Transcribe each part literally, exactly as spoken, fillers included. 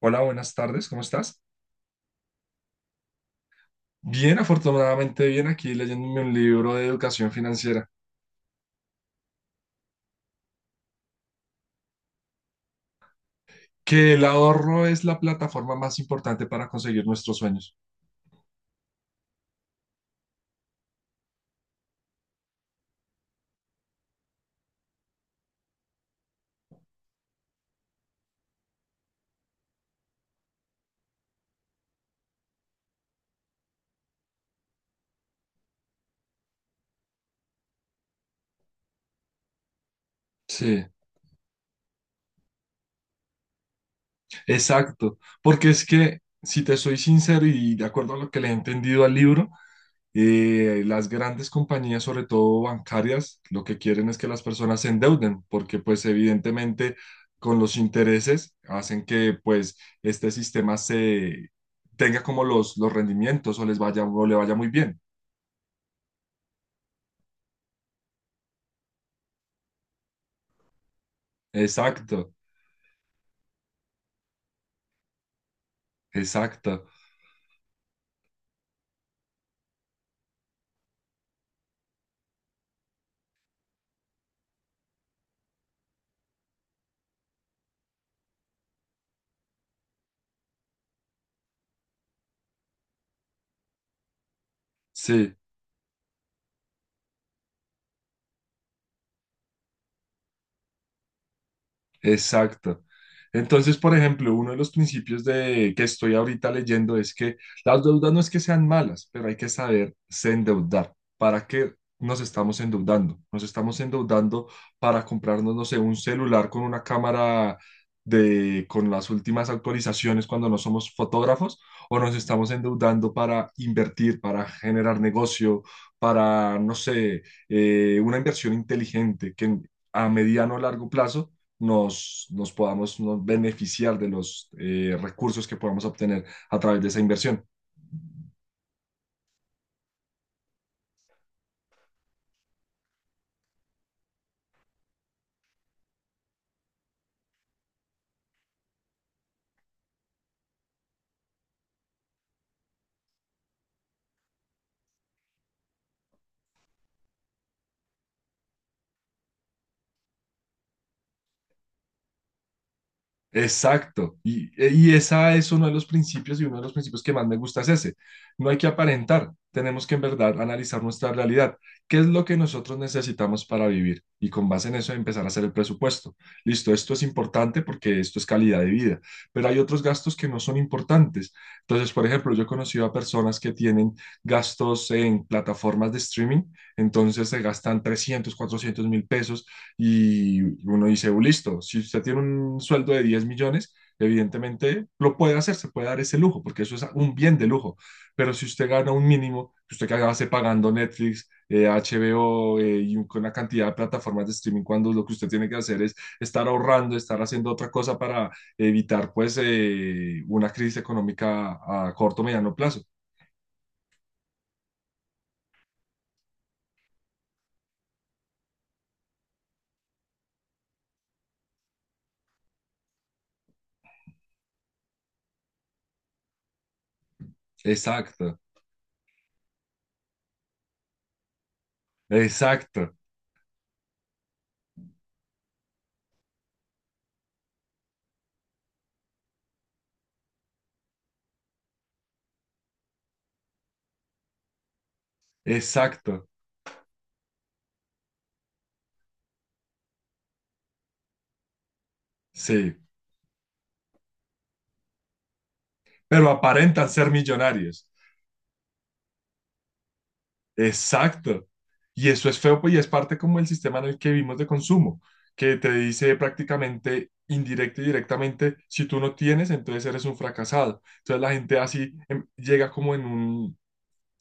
Hola, buenas tardes, ¿cómo estás? Bien, afortunadamente bien, aquí leyéndome un libro de educación financiera, que el ahorro es la plataforma más importante para conseguir nuestros sueños. Sí, exacto, porque es que, si te soy sincero y de acuerdo a lo que le he entendido al libro, Eh, las grandes compañías, sobre todo bancarias, lo que quieren es que las personas se endeuden, porque pues evidentemente con los intereses hacen que pues este sistema se tenga como los, los rendimientos o les vaya o le vaya muy bien. Exacto, exacto. Sí. Exacto. Entonces, por ejemplo, uno de los principios de que estoy ahorita leyendo es que las deudas no es que sean malas, pero hay que saberse endeudar. ¿Para qué nos estamos endeudando? Nos estamos endeudando para comprarnos, no sé, un celular con una cámara de con las últimas actualizaciones cuando no somos fotógrafos, o nos estamos endeudando para invertir, para generar negocio, para, no sé, eh, una inversión inteligente que en- a mediano o largo plazo nos, nos podamos nos beneficiar de los eh, recursos que podamos obtener a través de esa inversión. Exacto, y, e, y esa es uno de los principios y uno de los principios que más me gusta es ese. No hay que aparentar, tenemos que en verdad analizar nuestra realidad, qué es lo que nosotros necesitamos para vivir y con base en eso empezar a hacer el presupuesto. Listo, esto es importante porque esto es calidad de vida, pero hay otros gastos que no son importantes. Entonces, por ejemplo, yo he conocido a personas que tienen gastos en plataformas de streaming, entonces se gastan trescientos cuatrocientos mil pesos y uno dice, "Uh, listo, si usted tiene un sueldo de diez millones, evidentemente lo puede hacer, se puede dar ese lujo, porque eso es un bien de lujo. Pero si usted gana un mínimo, que usted que hace pagando Netflix, eh, H B O eh, y un- con una cantidad de plataformas de streaming, cuando lo que usted tiene que hacer es estar ahorrando, estar haciendo otra cosa para evitar pues eh, una crisis económica a corto o mediano plazo. Exacto, exacto, exacto, sí. Pero aparentan ser millonarios. Exacto. Y eso es feo, pues, y es parte como el sistema en el que vivimos de consumo, que te dice prácticamente indirecta y directamente, si tú no tienes, entonces eres un fracasado. Entonces la gente así em, llega como en un,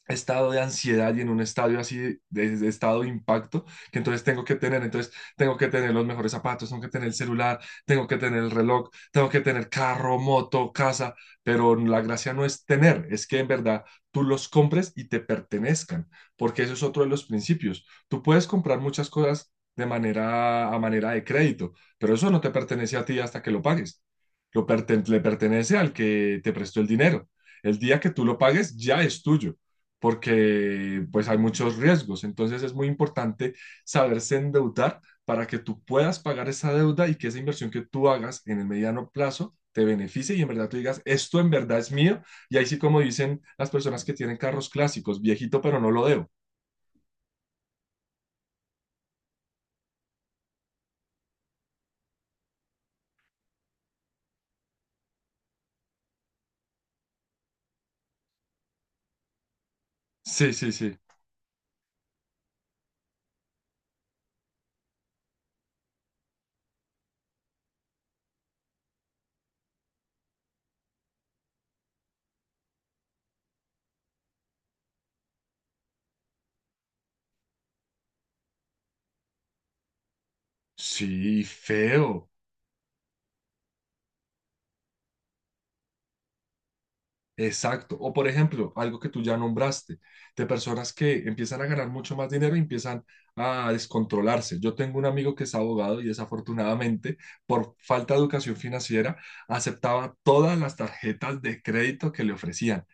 estado de ansiedad y en un estadio así de, de estado de impacto que entonces tengo que tener, entonces tengo que tener los mejores zapatos, tengo que tener el celular, tengo que tener el reloj, tengo que tener carro, moto, casa, pero la gracia no es tener, es que en verdad tú los compres y te pertenezcan, porque eso es otro de los principios. Tú puedes comprar muchas cosas de manera a manera de crédito, pero eso no te pertenece a ti hasta que lo pagues. Lo perten- le pertenece al que te prestó el dinero. El día que tú lo pagues ya es tuyo porque pues hay muchos riesgos. Entonces es muy importante saberse endeudar para que tú puedas pagar esa deuda y que esa inversión que tú hagas en el mediano plazo te beneficie y en verdad tú digas, esto en verdad es mío. Y ahí sí, como dicen las personas que tienen carros clásicos, viejito pero no lo debo. Sí, sí, sí. Sí, feo. Exacto. O por ejemplo, algo que tú ya nombraste, de personas que empiezan a ganar mucho más dinero y empiezan a descontrolarse. Yo tengo un amigo que es abogado y desafortunadamente, por falta de educación financiera, aceptaba todas las tarjetas de crédito que le ofrecían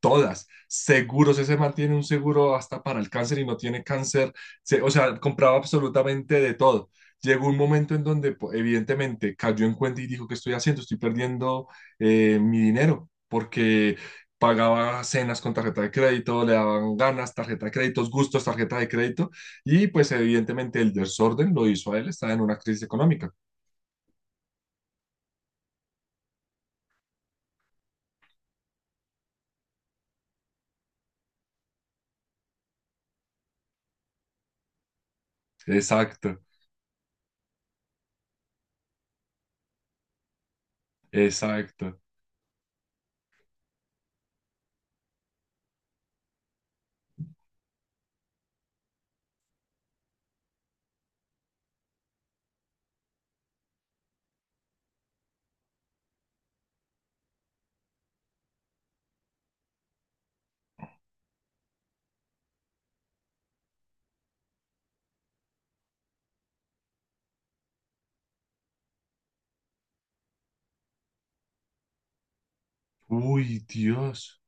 todas, seguros, ese man tiene un seguro hasta para el cáncer y no tiene cáncer, se- o sea, compraba absolutamente de todo. Llegó un momento en donde po- evidentemente cayó en cuenta y dijo, ¿qué estoy haciendo? Estoy perdiendo eh, mi dinero porque pagaba cenas con tarjeta de crédito, le daban ganas, tarjeta de créditos, gustos, tarjeta de crédito y pues evidentemente el desorden lo hizo a él, estaba en una crisis económica. Exacto, exacto. Uy, Dios.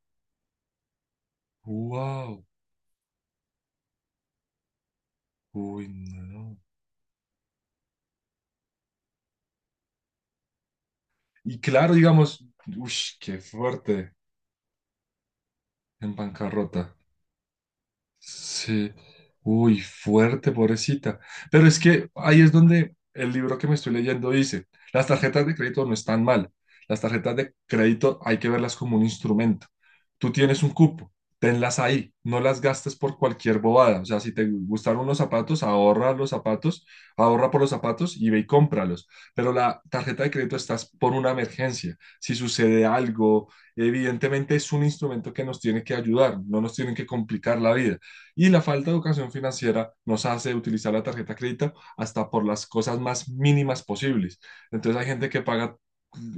Wow. Uy, no. Y claro, digamos, uff, qué fuerte en bancarrota. Sí, uy, fuerte, pobrecita. Pero es que ahí es donde el libro que me estoy leyendo dice, las tarjetas de crédito no están mal. Las tarjetas de crédito hay que verlas como un instrumento. Tú tienes un cupo, tenlas ahí, no las gastes por cualquier bobada. O sea, si te gustaron unos zapatos, ahorra los zapatos, ahorra por los zapatos y ve y cómpralos. Pero la tarjeta de crédito estás por una emergencia. Si sucede algo, evidentemente es un instrumento que nos tiene que ayudar, no nos tiene que complicar la vida. Y la falta de educación financiera nos hace utilizar la tarjeta de crédito hasta por las cosas más mínimas posibles. Entonces hay gente que paga,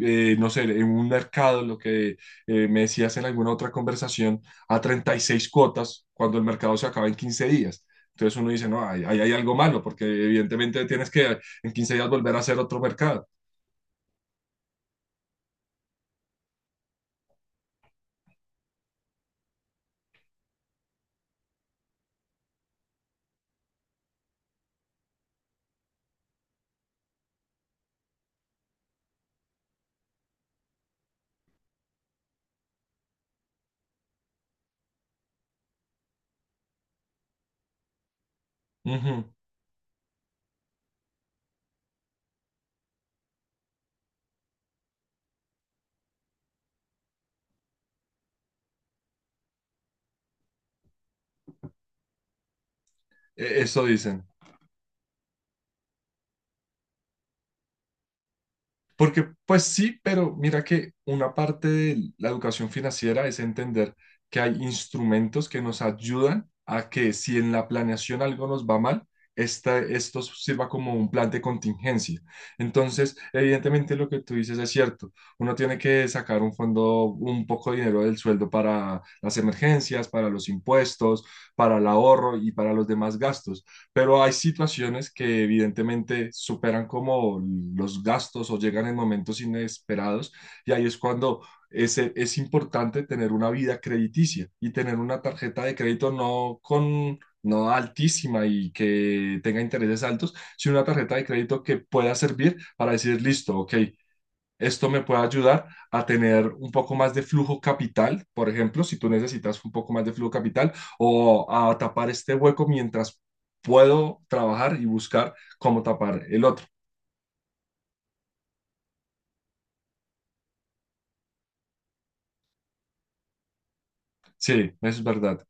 eh, no sé, en un mercado, lo que eh, me decías en alguna otra conversación, a treinta y seis cuotas cuando el mercado se acaba en quince días. Entonces uno dice, no, ahí hay, hay algo malo, porque evidentemente tienes que en quince días volver a hacer otro mercado. Ujú. E- Eso dicen. Porque pues sí, pero mira que una parte de la educación financiera es entender que hay instrumentos que nos ayudan a que si en la planeación algo nos va mal, esta, esto sirva como un plan de contingencia. Entonces, evidentemente lo que tú dices es cierto. Uno tiene que sacar un fondo, un poco de dinero del sueldo para las emergencias, para los impuestos, para el ahorro y para los demás gastos pero hay situaciones que evidentemente superan como los gastos o llegan en momentos inesperados y ahí es cuando es, es importante tener una vida crediticia y tener una tarjeta de crédito no con... no altísima y que tenga intereses altos, sino una tarjeta de crédito que pueda servir para decir, listo, ok, esto me puede ayudar a tener un poco más de flujo capital, por ejemplo, si tú necesitas un poco más de flujo capital, o a tapar este hueco mientras puedo trabajar y buscar cómo tapar el otro. Sí, es verdad.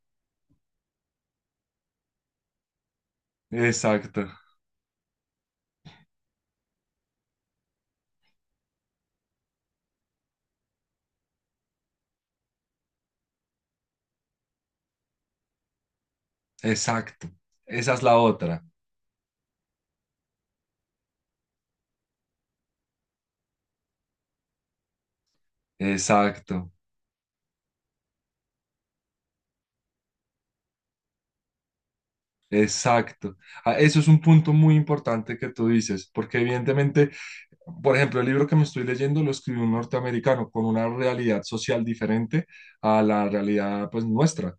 Exacto, exacto. Esa es la otra. Exacto, exacto. Ah, eso es un punto muy importante que tú dices, porque evidentemente por ejemplo, el libro que me estoy leyendo lo escribió un norteamericano con una realidad social diferente a la realidad pues nuestra,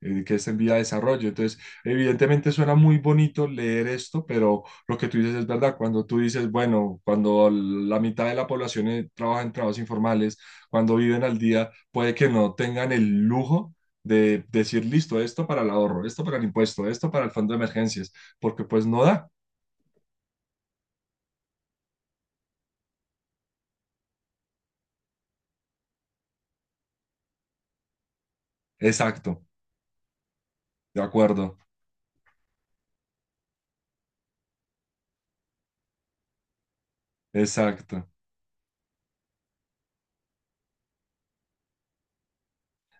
eh, que es en vía de desarrollo. Entonces, evidentemente suena muy bonito leer esto, pero lo que tú dices es verdad. Cuando tú dices, bueno, cuando la mitad de la población eh, trabaja en trabajos informales, cuando viven al día, puede que no tengan el lujo de decir, listo, esto para el ahorro, esto para el impuesto, esto para el fondo de emergencias, porque pues no da. Exacto, de acuerdo, exacto.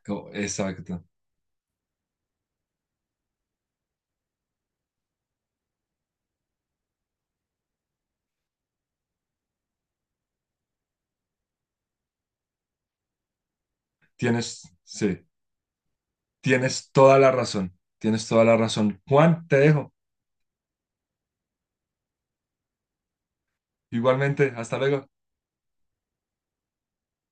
Oh, exacto. Tienes, sí, tienes toda la razón. Tienes toda la razón. Juan, te dejo. Igualmente, hasta luego.